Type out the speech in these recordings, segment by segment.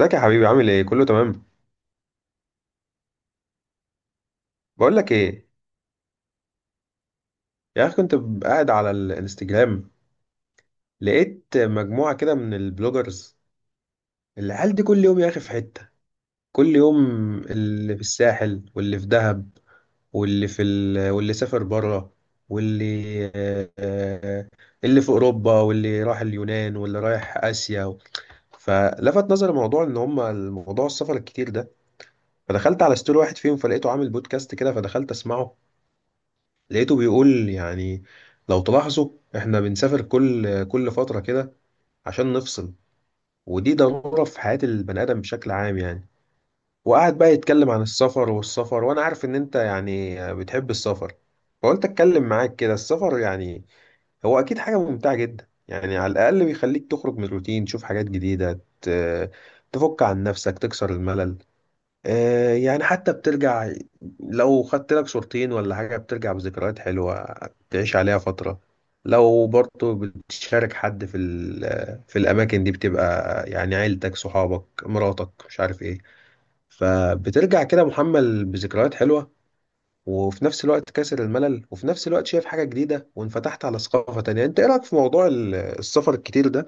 ازيك يا حبيبي، عامل ايه؟ كله تمام؟ بقول لك ايه. يا اخي كنت قاعد على الانستجرام، لقيت مجموعه كده من البلوجرز. العيال دي كل يوم يا اخي في حته، كل يوم. اللي في الساحل، واللي في دهب، واللي سافر بره، واللي آه، اللي في اوروبا، واللي راح اليونان، واللي رايح اسيا. فلفت نظري موضوع ان هم الموضوع السفر الكتير ده. فدخلت على ستوري واحد فيهم، فلقيته عامل بودكاست كده، فدخلت اسمعه. لقيته بيقول يعني لو تلاحظوا احنا بنسافر كل فترة كده عشان نفصل، ودي ضرورة في حياة البني آدم بشكل عام يعني. وقعد بقى يتكلم عن السفر والسفر، وانا عارف ان انت يعني بتحب السفر، فقلت اتكلم معاك كده. السفر يعني هو اكيد حاجة ممتعة جدا يعني، على الاقل بيخليك تخرج من الروتين، تشوف حاجات جديدة، تفك عن نفسك، تكسر الملل. يعني حتى بترجع، لو خدت لك صورتين ولا حاجة بترجع بذكريات حلوة تعيش عليها فترة. لو برضه بتشارك حد في الأماكن دي، بتبقى يعني عيلتك، صحابك، مراتك، مش عارف ايه. فبترجع كده محمل بذكريات حلوة، وفي نفس الوقت كاسر الملل، وفي نفس الوقت شايف حاجة جديدة وانفتحت على ثقافة تانية. انت ايه رأيك في موضوع السفر الكتير ده،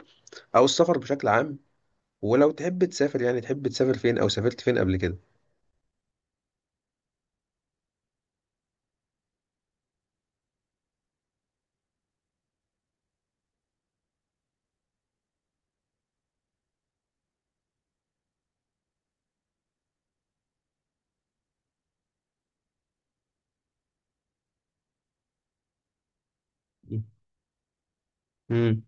او السفر بشكل عام؟ ولو تحب تسافر، يعني تحب تسافر فين، او سافرت فين قبل كده؟ مم.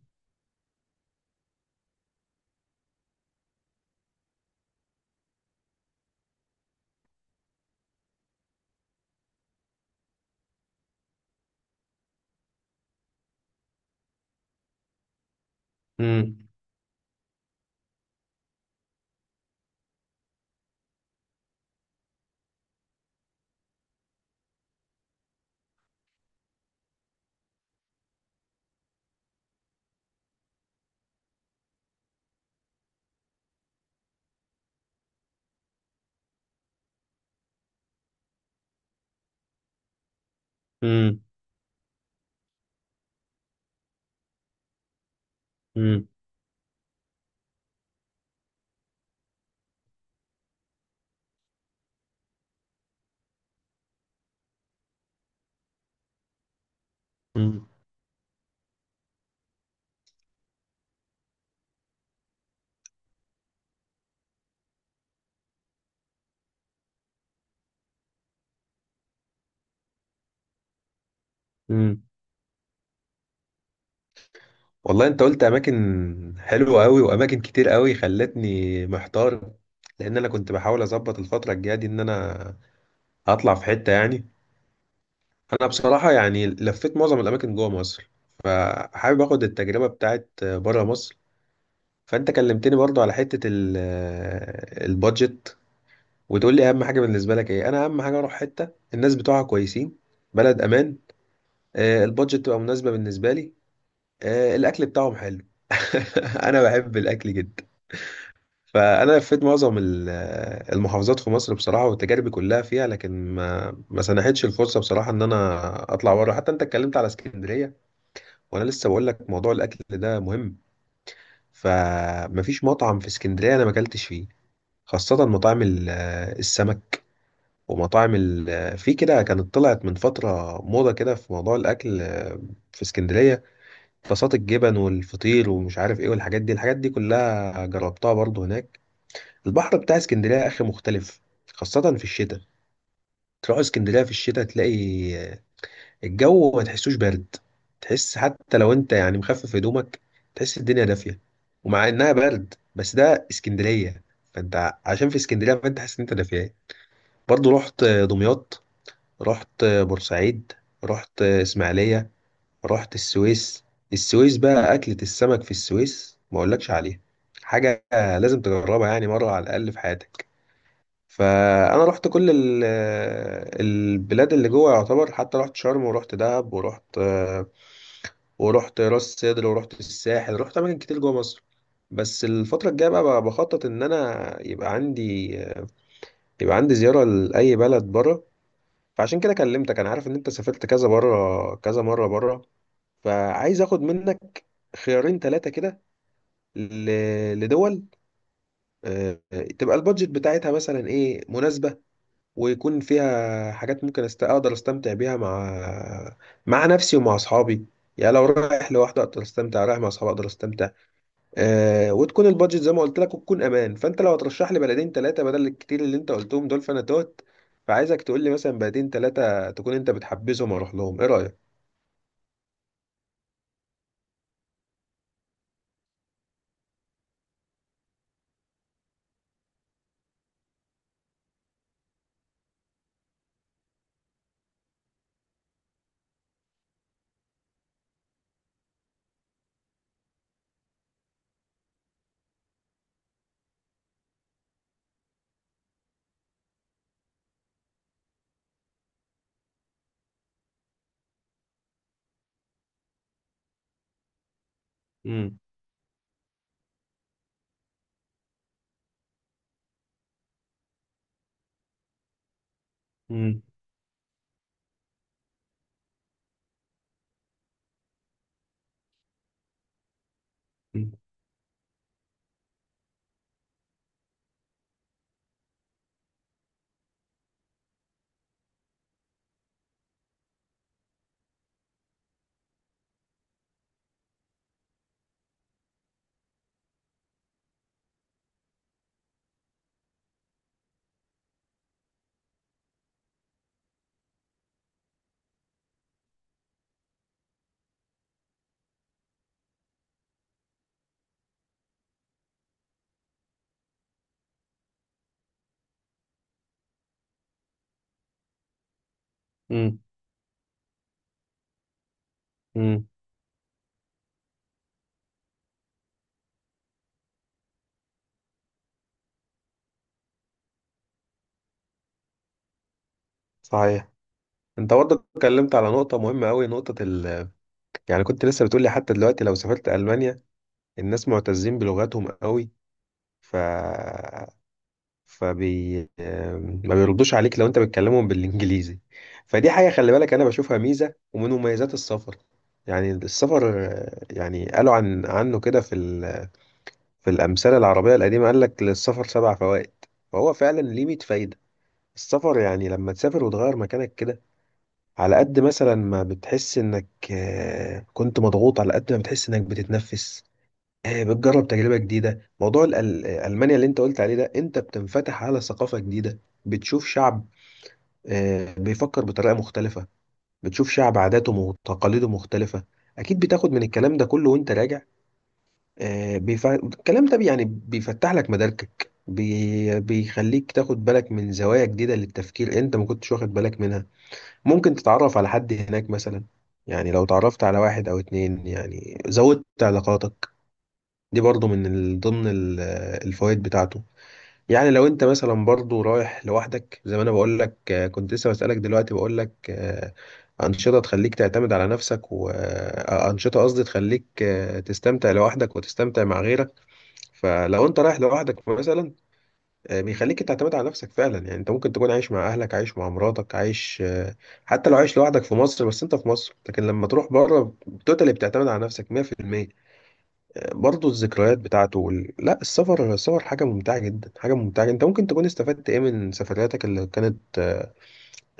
مم. مم. مم. مم. مم. والله انت قلت اماكن حلوه قوي واماكن كتير قوي، خلتني محتار. لان انا كنت بحاول اظبط الفتره الجايه دي ان انا هطلع في حته يعني. انا بصراحه يعني لفيت معظم الاماكن جوه مصر، فحابب اخد التجربه بتاعت بره مصر. فانت كلمتني برضو على حته البادجت، وتقول لي اهم حاجه بالنسبه لك ايه. انا اهم حاجه اروح حته الناس بتوعها كويسين، بلد امان، البادجت تبقى مناسبه بالنسبه لي، الاكل بتاعهم حلو. انا بحب الاكل جدا. فانا لفيت معظم المحافظات في مصر بصراحه، وتجاربي كلها فيها، لكن ما سنحتش الفرصه بصراحه ان انا اطلع بره. حتى انت اتكلمت على اسكندريه، وانا لسه بقول لك موضوع الاكل ده مهم. فمفيش مطعم في اسكندريه انا ما اكلتش فيه، خاصه مطاعم السمك، ومطاعم في كده كانت طلعت من فتره موضه كده في موضوع الاكل، في اسكندريه. طاسات الجبن والفطير ومش عارف ايه والحاجات دي، الحاجات دي كلها جربتها برضو هناك. البحر بتاع اسكندرية يا اخي مختلف، خاصة في الشتاء. تروح اسكندرية في الشتاء تلاقي الجو ما تحسوش برد، تحس حتى لو انت يعني مخفف هدومك تحس الدنيا دافية. ومع انها برد بس ده اسكندرية، فانت عشان في اسكندرية فانت حاسس ان انت دافية. برضو رحت دمياط، رحت بورسعيد، رحت اسماعيلية، رحت السويس. السويس بقى، أكلة السمك في السويس ما أقولكش عليها، حاجة لازم تجربها يعني مرة على الأقل في حياتك. فأنا رحت كل البلاد اللي جوه يعتبر، حتى رحت شرم ورحت دهب ورحت راس سدر ورحت الساحل، رحت أماكن كتير جوه مصر. بس الفترة الجاية بقى بخطط إن أنا يبقى عندي زيارة لأي بلد بره. فعشان كده كلمتك، أنا عارف إن أنت سافرت كذا بره، كذا مرة بره، فعايز اخد منك خيارين ثلاثة كده، لدول آه، تبقى البادجت بتاعتها مثلا ايه، مناسبة، ويكون فيها حاجات ممكن اقدر استمتع بيها مع نفسي ومع اصحابي. يعني لو رايح لوحدي اقدر استمتع، رايح مع اصحابي اقدر استمتع. آه، وتكون البادجت زي ما قلت لك، وتكون امان. فانت لو هترشح لي بلدين ثلاثة بدل الكتير اللي انت قلتهم دول فانا توت. فعايزك تقول لي مثلا بلدين ثلاثة تكون انت بتحبذهم واروح لهم. ايه رأيك؟ امم. امم. امم. امم. صحيح. انت برضه اتكلمت على نقطة مهمة قوي، نقطة ال، يعني كنت لسه بتقول لي حتى دلوقتي لو سافرت ألمانيا الناس معتزين بلغتهم قوي، ف فبي ما بيردوش عليك لو انت بتكلمهم بالانجليزي. فدي حاجة خلي بالك، انا بشوفها ميزة ومن مميزات السفر. يعني السفر، يعني قالوا عنه كده في الأمثلة العربية القديمة، قال لك للسفر سبع فوائد، فهو فعلا ليه 100 فايدة. السفر يعني لما تسافر وتغير مكانك كده، على قد مثلا ما بتحس انك كنت مضغوط، على قد ما بتحس انك بتتنفس. بتجرب تجربة جديدة. موضوع ألمانيا اللي انت قلت عليه ده، انت بتنفتح على ثقافة جديدة، بتشوف شعب بيفكر بطريقة مختلفة، بتشوف شعب عاداته وتقاليده مختلفة. اكيد بتاخد من الكلام ده كله وانت راجع. الكلام ده يعني بيفتح لك مداركك، بيخليك تاخد بالك من زوايا جديدة للتفكير انت ما كنتش واخد بالك منها. ممكن تتعرف على حد هناك مثلا، يعني لو تعرفت على واحد او اتنين يعني زودت علاقاتك. دي برضو من ضمن الفوائد بتاعته. يعني لو انت مثلا برضو رايح لوحدك، زي ما انا بقول لك، كنت لسه بسألك دلوقتي، بقول لك انشطة تخليك تعتمد على نفسك، وانشطة قصدي تخليك تستمتع لوحدك وتستمتع مع غيرك. فلو انت رايح لوحدك مثلا، بيخليك تعتمد على نفسك فعلا. يعني انت ممكن تكون عايش مع اهلك، عايش مع مراتك، عايش حتى لو عايش لوحدك في مصر، بس انت في مصر. لكن لما تروح بره، توتالي بتعتمد على نفسك 100%. برضه الذكريات بتاعته لا، السفر، السفر حاجة ممتعة جدا، حاجة ممتعة جدا. انت ممكن تكون استفدت ايه من سفرياتك اللي كانت،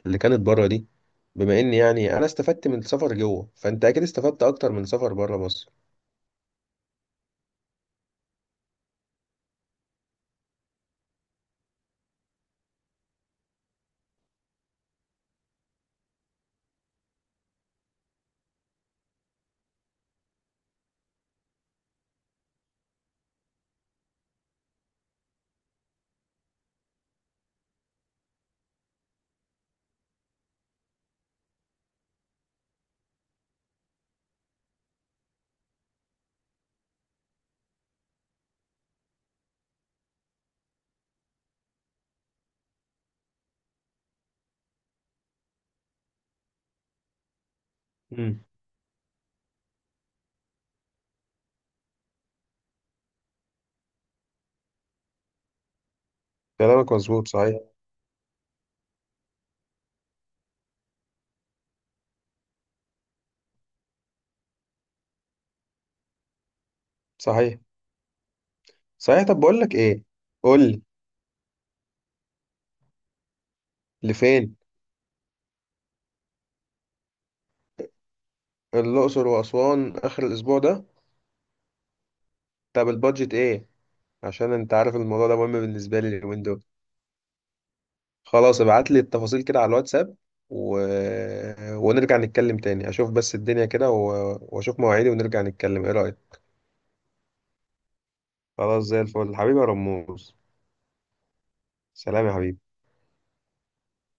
اللي كانت بره دي؟ بما ان يعني انا استفدت من السفر جوه، فانت اكيد استفدت اكتر من سفر بره مصر. امم. كلامك مظبوط، صحيح. صحيح. صحيح. طب بقول لك ايه. قول لي. لفين؟ الأقصر وأسوان آخر الأسبوع ده؟ طب البادجت إيه؟ عشان أنت عارف الموضوع ده مهم بالنسبة لي اليومين دول. خلاص ابعت لي التفاصيل كده على الواتساب. و... ونرجع نتكلم تاني. أشوف بس الدنيا كده وأشوف مواعيدي ونرجع نتكلم. إيه رأيك؟ خلاص، زي الفل حبيبي يا رموز. سلام يا حبيبي.